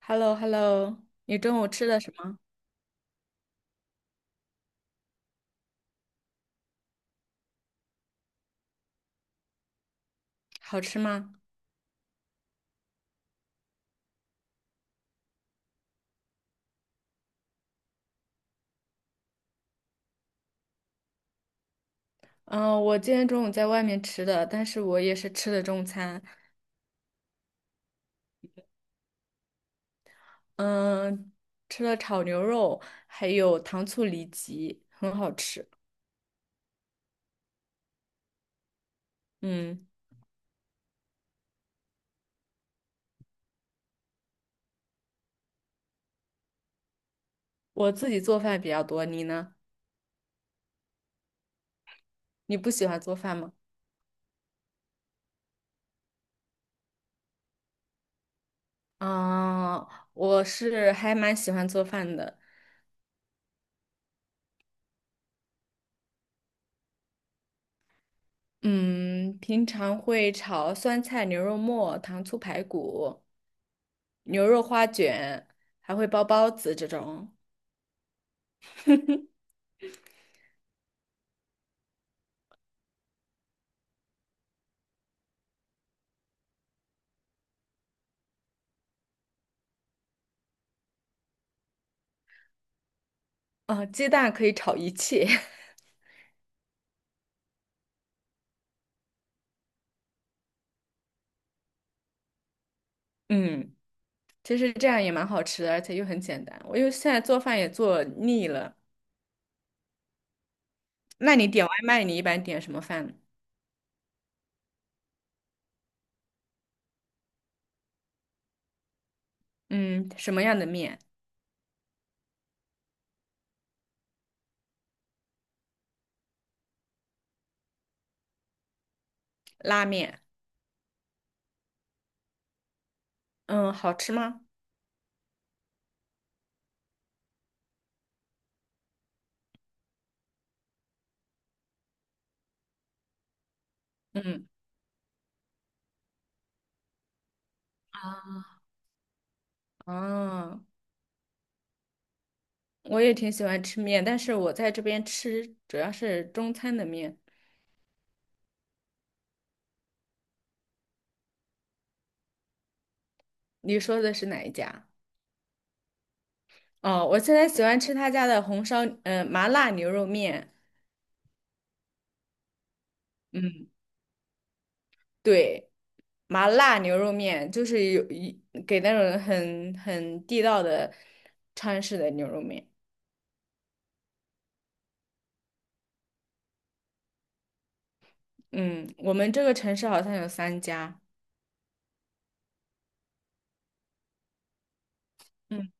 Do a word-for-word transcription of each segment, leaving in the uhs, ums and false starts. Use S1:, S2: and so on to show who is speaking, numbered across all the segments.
S1: h e l l o h e l l o。 你中午吃的什么？好吃吗？嗯、我今天中午在外面吃的，但是我也是吃的中餐。嗯、吃了炒牛肉，还有糖醋里脊，很好吃。嗯，我自己做饭比较多，你呢？你不喜欢做饭吗？啊、我是还蛮喜欢做饭的。嗯，平常会炒酸菜牛肉末、糖醋排骨、牛肉花卷，还会包包子这种。哦，鸡蛋可以炒一切。嗯，其实这样也蛮好吃的，而且又很简单。我又现在做饭也做腻了。那你点外卖，你一般点什么饭呢？嗯，什么样的面？拉面。嗯，好吃吗？嗯，啊，我也挺喜欢吃面，但是我在这边吃主要是中餐的面。你说的是哪一家？哦，我现在喜欢吃他家的红烧，嗯麻辣牛肉面。嗯。对，麻辣牛肉面就是有一给那种很很地道的川式的牛肉面。嗯，我们这个城市好像有三家。嗯。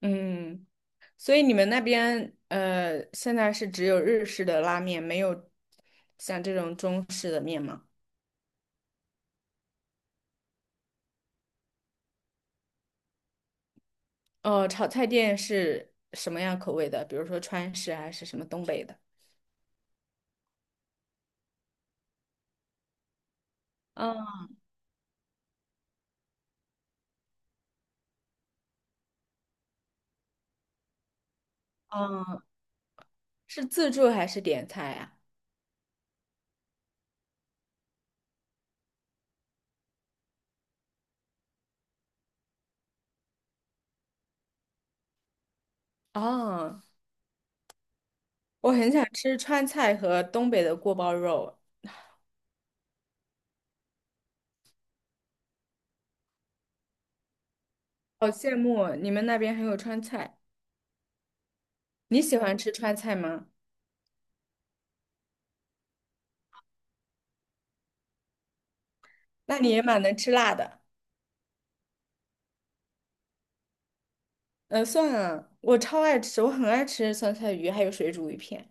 S1: 嗯，所以你们那边呃，现在是只有日式的拉面，没有像这种中式的面吗？哦，炒菜店是什么样口味的？比如说川式还是什么东北的？嗯。嗯，是自助还是点菜呀？哦，我很想吃川菜和东北的锅包肉，好羡慕你们那边还有川菜。你喜欢吃川菜吗？那你也蛮能吃辣的。呃，算了，我超爱吃，我很爱吃酸菜鱼，还有水煮鱼片。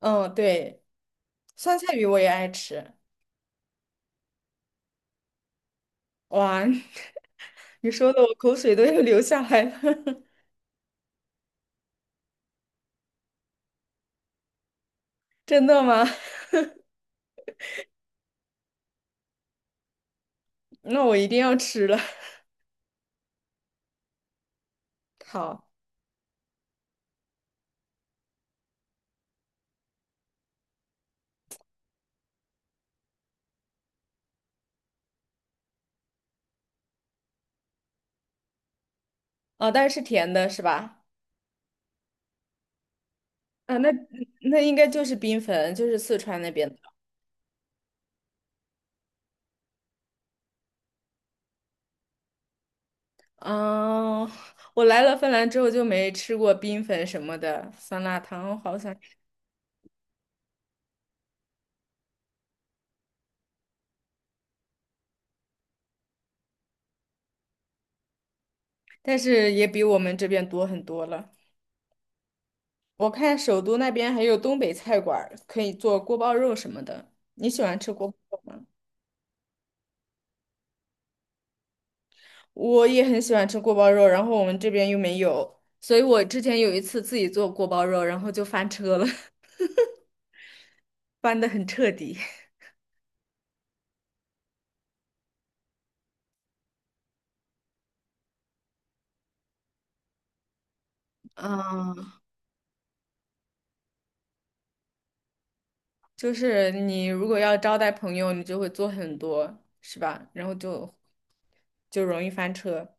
S1: 嗯，对，酸菜鱼我也爱吃。哇，你说的我口水都要流下来了。真的吗？那我一定要吃了。好，哦，但是是甜的是吧？啊，那那应该就是冰粉，就是四川那边。嗯，我来了芬兰之后就没吃过冰粉什么的，酸辣汤好像，但是也比我们这边多很多了。我看首都那边还有东北菜馆儿可以做锅包肉什么的。你喜欢吃锅包肉吗？我也很喜欢吃锅包肉，然后我们这边又没有，所以我之前有一次自己做锅包肉，然后就翻车了。翻得很彻底。嗯，就是你如果要招待朋友，你就会做很多，是吧？然后就就容易翻车。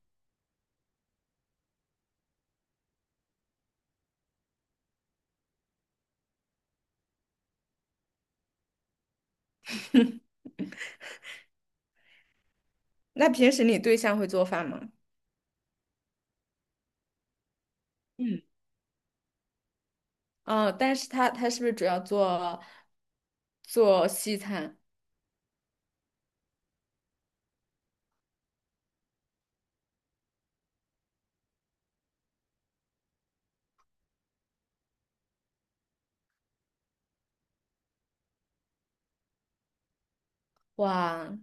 S1: 那平时你对象会做饭吗？嗯。嗯，但是他他是不是主要做做西餐？哇，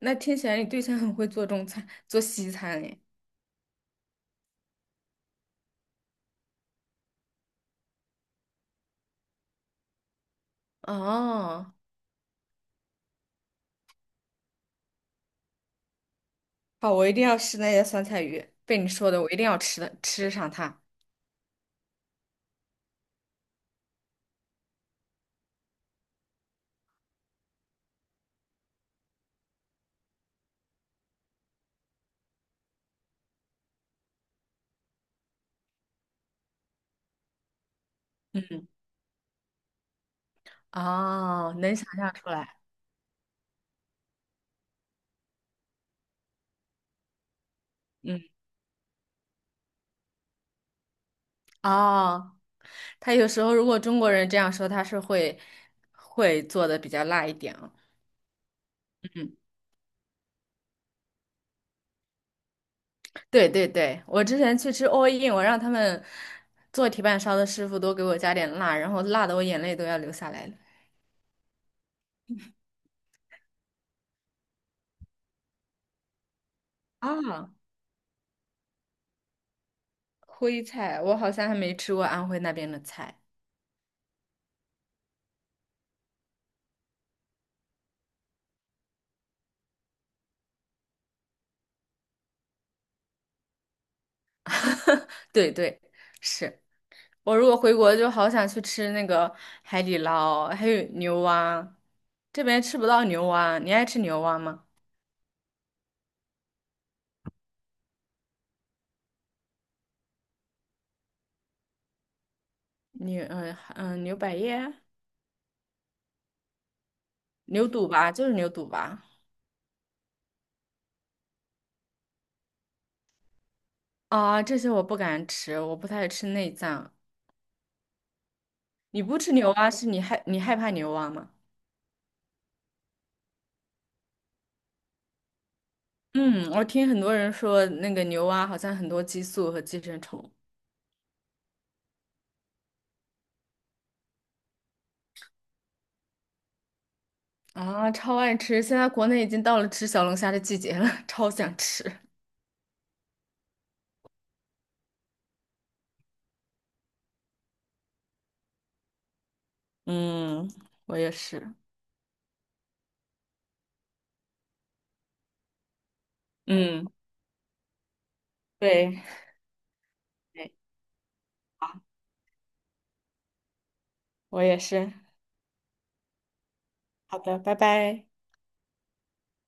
S1: 那听起来你对象很会做中餐，做西餐诶。哦，好，我一定要吃那些酸菜鱼，被你说的，我一定要吃的，吃上它。嗯，哦，能想象出来。嗯。哦，他有时候如果中国人这样说，他是会会做的比较辣一点啊。嗯，对对对，我之前去吃 all in，我让他们做铁板烧的师傅多给我加点辣，然后辣的我眼泪都要流下来了。啊，徽菜，我好像还没吃过安徽那边的菜。对对，是我如果回国就好想去吃那个海底捞，还有牛蛙，这边吃不到牛蛙，你爱吃牛蛙吗？牛嗯嗯牛百叶、牛肚吧，就是牛肚吧。啊，这些我不敢吃，我不太吃内脏。你不吃牛蛙，是你害你害怕牛蛙吗？嗯，我听很多人说那个牛蛙好像很多激素和寄生虫。啊，超爱吃。现在国内已经到了吃小龙虾的季节了，超想吃。嗯，我也是。嗯，对，对，好，我也是。好的，拜拜。